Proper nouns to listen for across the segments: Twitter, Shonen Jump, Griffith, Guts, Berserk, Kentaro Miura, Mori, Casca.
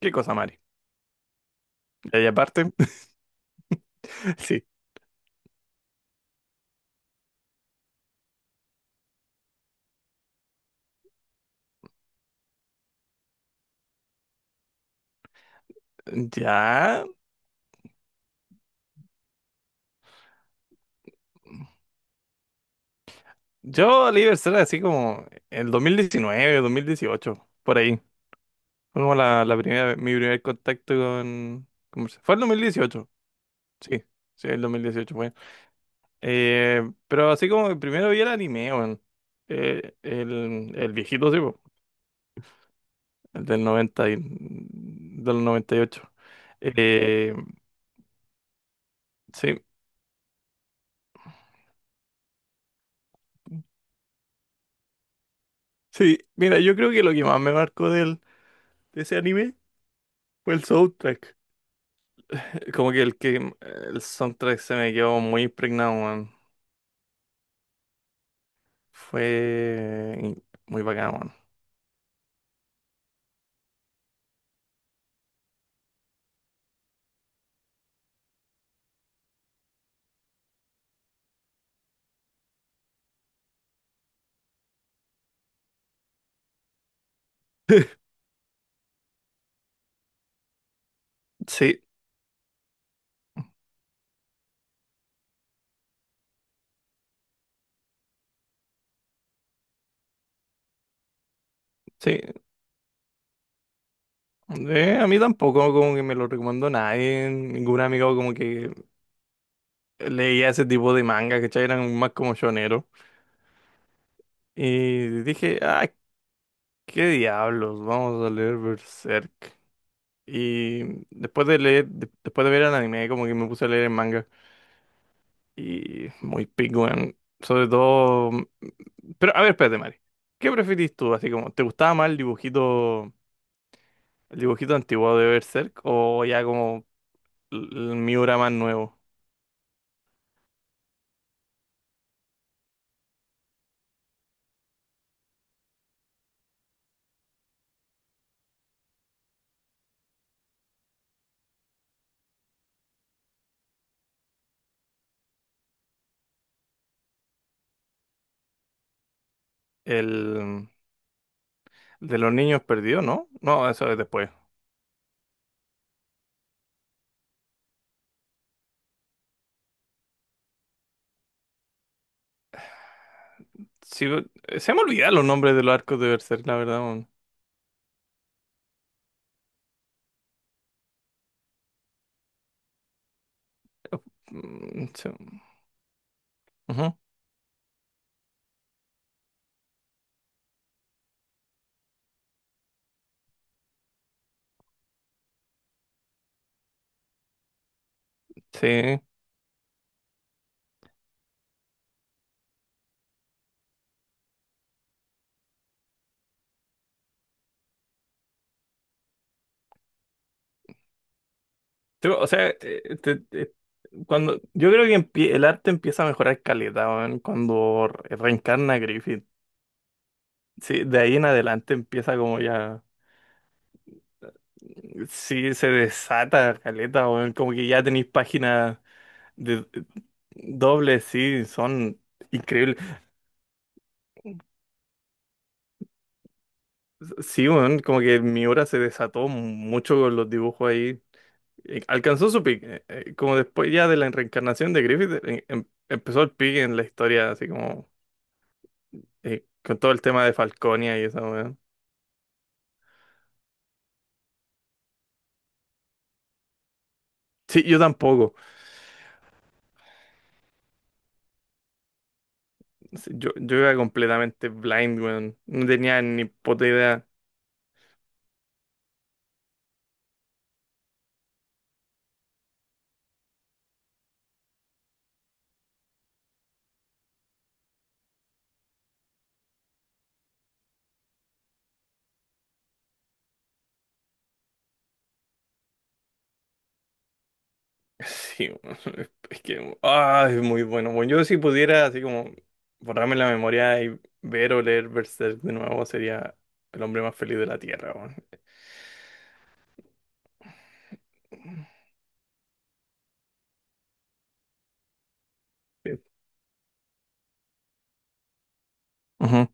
Qué cosa, Mari. Y ahí aparte, sí. Ya. Yo Livers era así como el dos, 2019, 2018 por ahí. Fue como la primera, mi primer contacto con música. Fue el 2018, sí. Sí, el 2018 fue. Eh, pero así como que primero vi el anime, weón. El viejito, sí, po, el del del 98. Eh, sí. Sí, mira, yo creo que lo que más me marcó de ese anime fue el soundtrack. Como que el soundtrack se me quedó muy impregnado, weón. Fue muy bacán, weón. Sí, sí. A mí tampoco como que me lo recomendó nadie, ningún amigo como que leía ese tipo de manga, ¿cachai? Eran más como shoneros. Y dije, ah, qué diablos, vamos a leer Berserk. Y después de leer, después de ver el anime, como que me puse a leer el manga. Y muy pico, weón. Sobre todo. Pero, a ver, espérate, Mari. ¿Qué preferís tú? Así como, ¿te gustaba más el dibujito antiguo de Berserk? O ya como el Miura más nuevo. El el de los niños perdidos, ¿no? No, eso es después. Sí, se me olvidan los nombres de los arcos de Berserk, la verdad, weón. Mm, se- Ujú. Sí. Tú, o sea, cuando, yo creo que el arte empieza a mejorar calidad, cuando reencarna a Griffith. Sí, de ahí en adelante empieza como ya, sí, se desata caleta, weón, como que ya tenéis páginas de dobles, sí, son increíbles. Sí, weón, como que mi obra se desató mucho con los dibujos ahí. Alcanzó su pique, como después ya de la reencarnación de Griffith. Empezó el pique en la historia, así como… con todo el tema de Falconia y eso, weón. Sí, yo tampoco. Sí. Yo era completamente blind, weón. No tenía ni puta idea. Sí, weón. Es que, ah, es muy bueno. Bueno, yo si pudiera, así como, borrarme la memoria y ver o leer Berserk de nuevo, sería el hombre más feliz de la Tierra, weón. Sí. Ujú.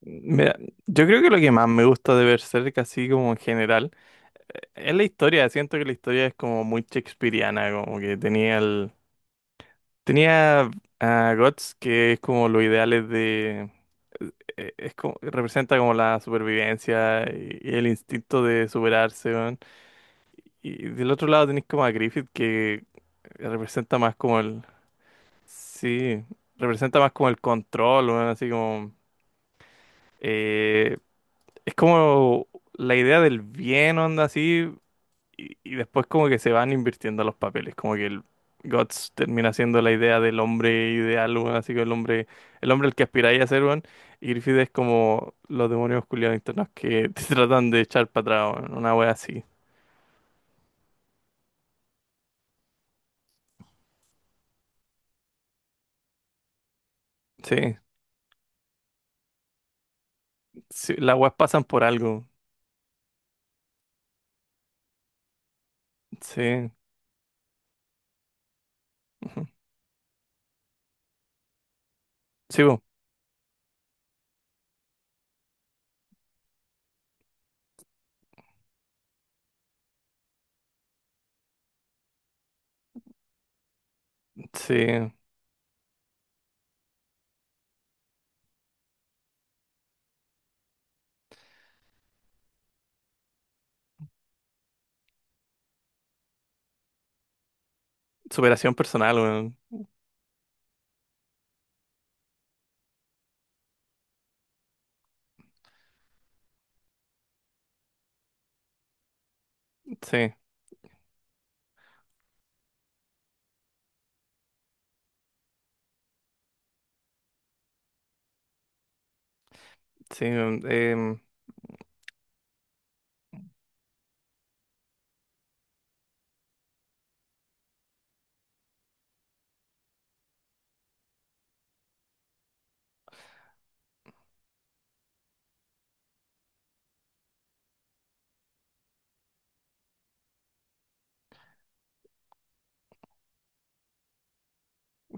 Mira, yo creo que lo que más me gusta de Berserk, así como en general, es la historia. Siento que la historia es como muy shakespeariana, como que tenía a Guts, que es como los ideales de… Es como, representa como la supervivencia y el instinto de superarse, weón. Y del otro lado tenéis como a Griffith, que representa más como el… Sí, representa más como el control, weón, así como… eh, es como la idea del bien, onda, así, y después como que se van invirtiendo los papeles, como que el Guts termina siendo la idea del hombre ideal, weón, así que el hombre al que aspiráis a ser, weón, y Griffith es como los demonios culiados internos que te tratan de echar para atrás, weón, una wea así. Sí, sí, las weas pasan por algo, sí, ujú. Sí, weón. Sí, superación personal, weón. Sí. Sí, weón.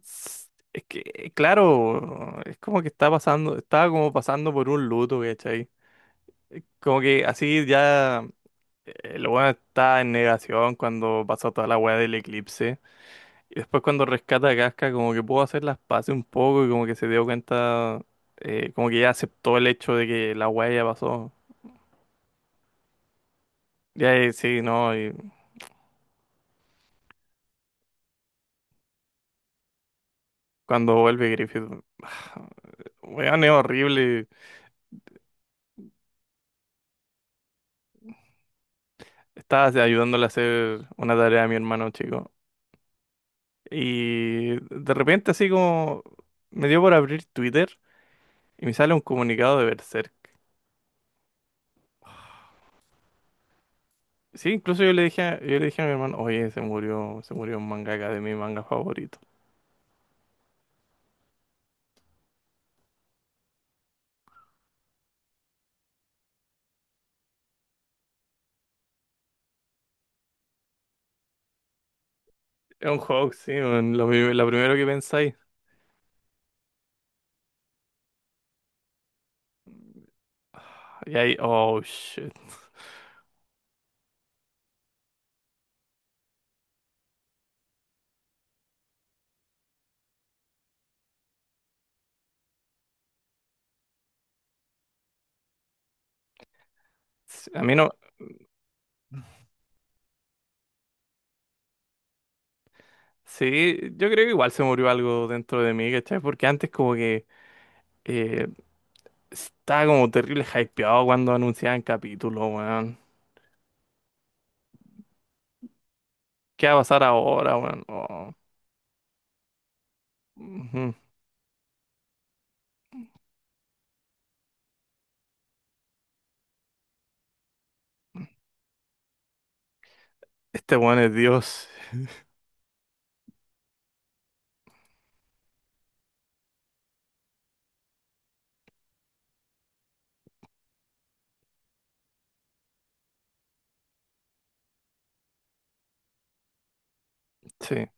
s- Es que, claro, es como que está pasando, estaba como pasando por un luto, ¿cachai? Como que así ya, el weón está en negación cuando pasó toda la weá del eclipse. Y después cuando rescata a Casca, como que pudo hacer las paces un poco y como que se dio cuenta, como que ya aceptó el hecho de que la weá ya pasó. Ya, sí, no, y cuando vuelve Griffith, weón es horrible. Estaba así ayudándole a hacer una tarea a mi hermano chico. Y de repente así como me dio por abrir Twitter y me sale un comunicado de Berserk. Sí, incluso yo le dije a, yo le dije a mi hermano, oye, se murió un mangaka de mi manga favorito. Es un juego, sí, man, lo primero que pensáis. Y ahí, oh, shit. Sí. A mí no, sí, yo creo que igual se murió algo dentro de mí, ¿cachai? Porque antes como que, eh, estaba como terrible hypeado cuando anunciaban capítulos, weón. ¿Qué va a pasar ahora, weón? Oh, ujú. Este weón es Dios. Sí,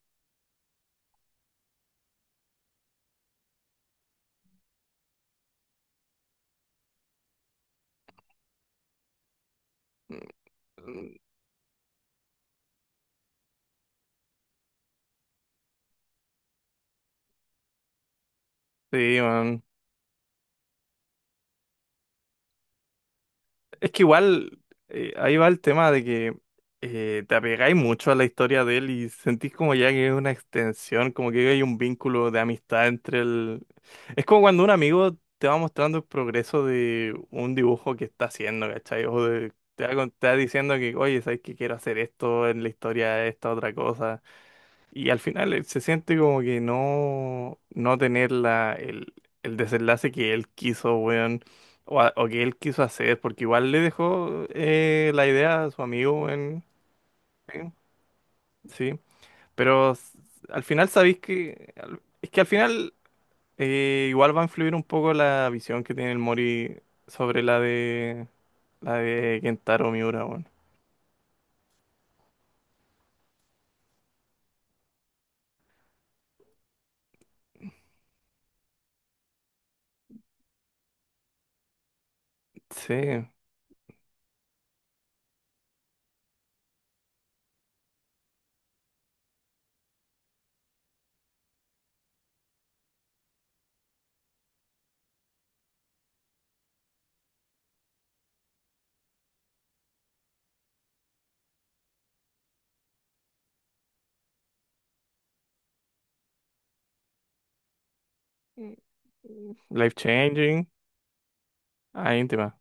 sí, weón. Es que igual, ahí va el tema de que, te apegáis mucho a la historia de él y sentís como ya que es una extensión, como que hay un vínculo de amistad entre el… Es como cuando un amigo te va mostrando el progreso de un dibujo que está haciendo, ¿cachai? O te va, te va diciendo que, oye, ¿sabes que quiero hacer esto en la historia, esta otra cosa? Y al final, se siente como que no, no tener el, desenlace que él quiso, weón, o, o que él quiso hacer, porque igual le dejó, la idea a su amigo, weón. Sí, sí. pero s- al final sabéis que, al- es que al final, igual va a influir un poco la visión que tiene el Mori sobre la de Kentaro Miura, weón. Sí. Mm, mm. Life changing. Ahí íntima.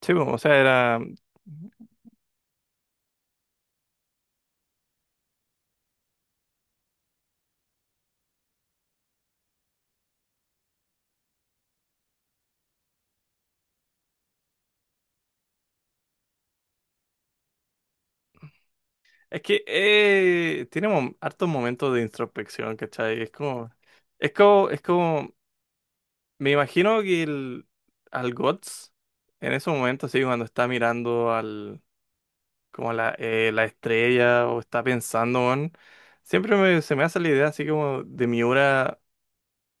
Sí, bueno, o sea, era. Es que, tiene hartos momentos de introspección, ¿cachai? Es como, es como, es como, me imagino que el, al Guts, en esos momentos, sí, cuando está mirando al, como la, la estrella o está pensando en, siempre se me hace la idea así como de Miura,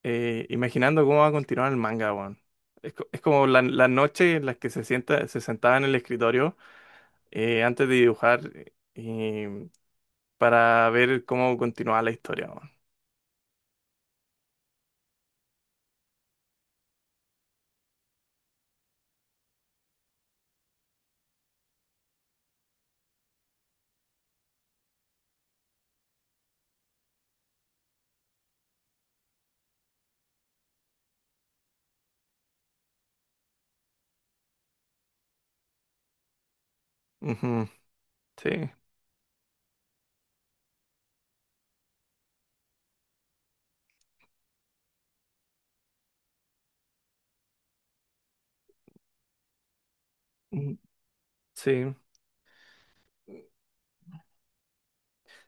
imaginando cómo va a continuar el manga, weón. Es, es como la noche en las que se sentaba en el escritorio, antes de dibujar, para ver cómo continuaba la historia, weón. Ujú. Sí, mm, sí.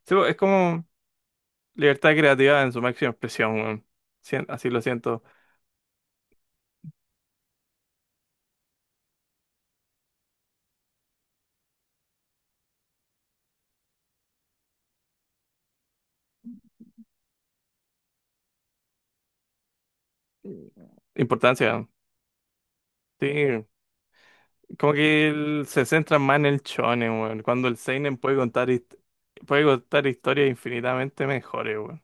Sí, pues, es como libertad creativa en su máxima expresión, weón. Así lo siento. Importancia, weón. Sí, como que él se centra más en el shonen, weón, cuando el seinen puede contar puede contar historias infinitamente mejores, weón.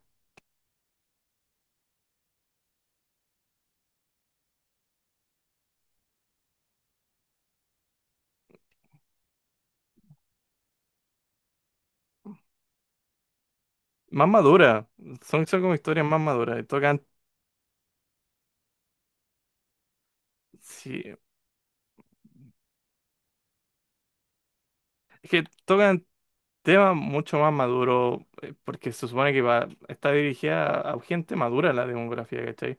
Más maduras. Son, son como historias más maduras. Y tocan, sí, es que tocan tema mucho más maduro, porque se supone que va, está dirigida a gente madura la demografía, ¿cachai?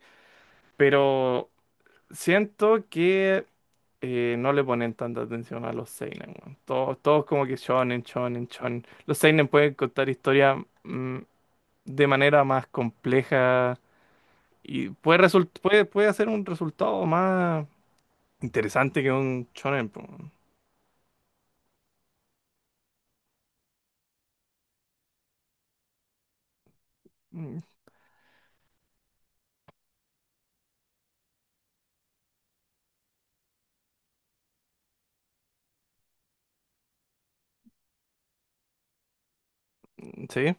Pero siento que, no le ponen tanta atención a los seinen, weón. Todos, todos como que shonen, shonen, shonen. Los seinen pueden contar historias, mm, de manera más compleja y puede, puede hacer un resultado más interesante que un shonen, po, weón. Mm, ¿sí?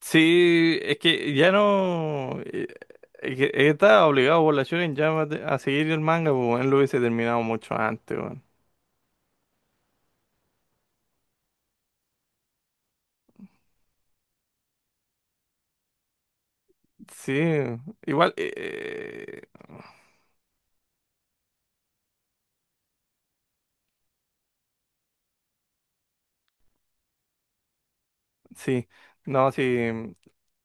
Sí, es que ya no. Que está obligado por la Shonen Jump a a seguir el manga, pues él lo hubiese terminado mucho antes, weón. Sí, igual, sí, no, sí, mm,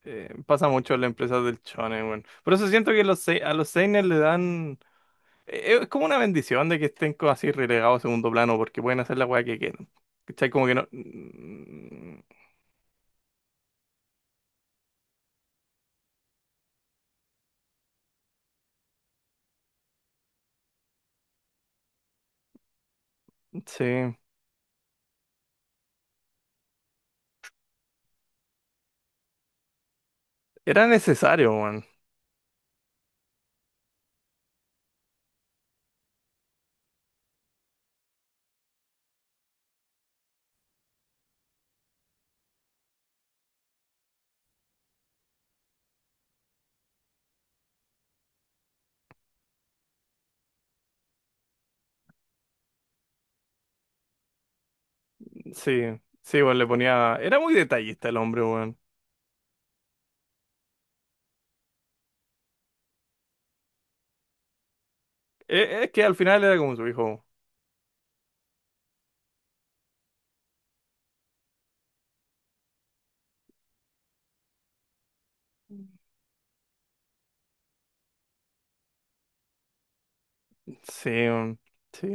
eh, pasa mucho en las empresas del shonen, weón. Por eso siento que a los seinen le dan, es como una bendición de que estén así relegados a segundo plano, porque pueden hacer la weá que quieran. ¿Cachai? Como que no, mm, sí, era necesario. Sí, sí, bueno, le ponía. Era muy detallista el hombre, weón. Es que al final era como su hijo. Sí, weón, sí.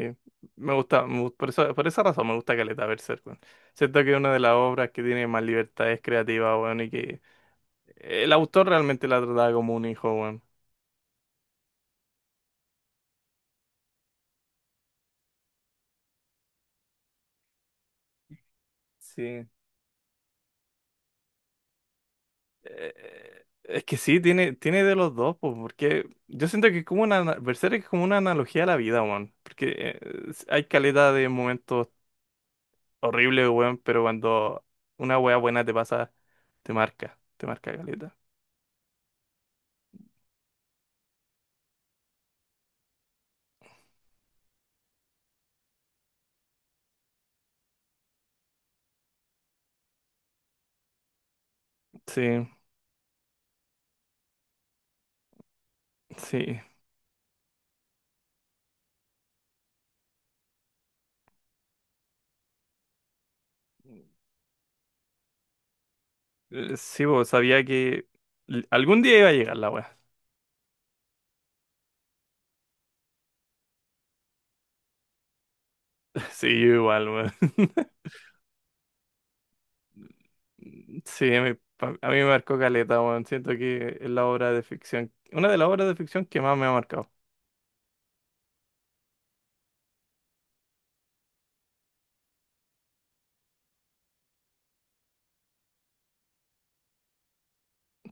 Me gusta, me gust- Por eso, por esa razón me gusta caleta Berserk, weón. Siento que es una de las obras que tiene más libertades creativas, weón, y que el autor realmente la trataba como un hijo, weón. Sí. Es que sí, tiene, tiene de los dos, pues, porque yo siento que es como Berserk es como una analogía a la vida, weón. Porque, hay caleta de momentos horrible, weón, pero cuando una wea buena te pasa, te marca caleta. Sí, sí. Sí, vos sabía que algún día iba a llegar la wea. Sí, yo igual, weón. Sí, a mí me marcó caleta, weón. Siento que es la obra de ficción, una de las obras de ficción que más me ha marcado.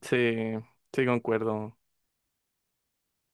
Sí, sí, concuerdo.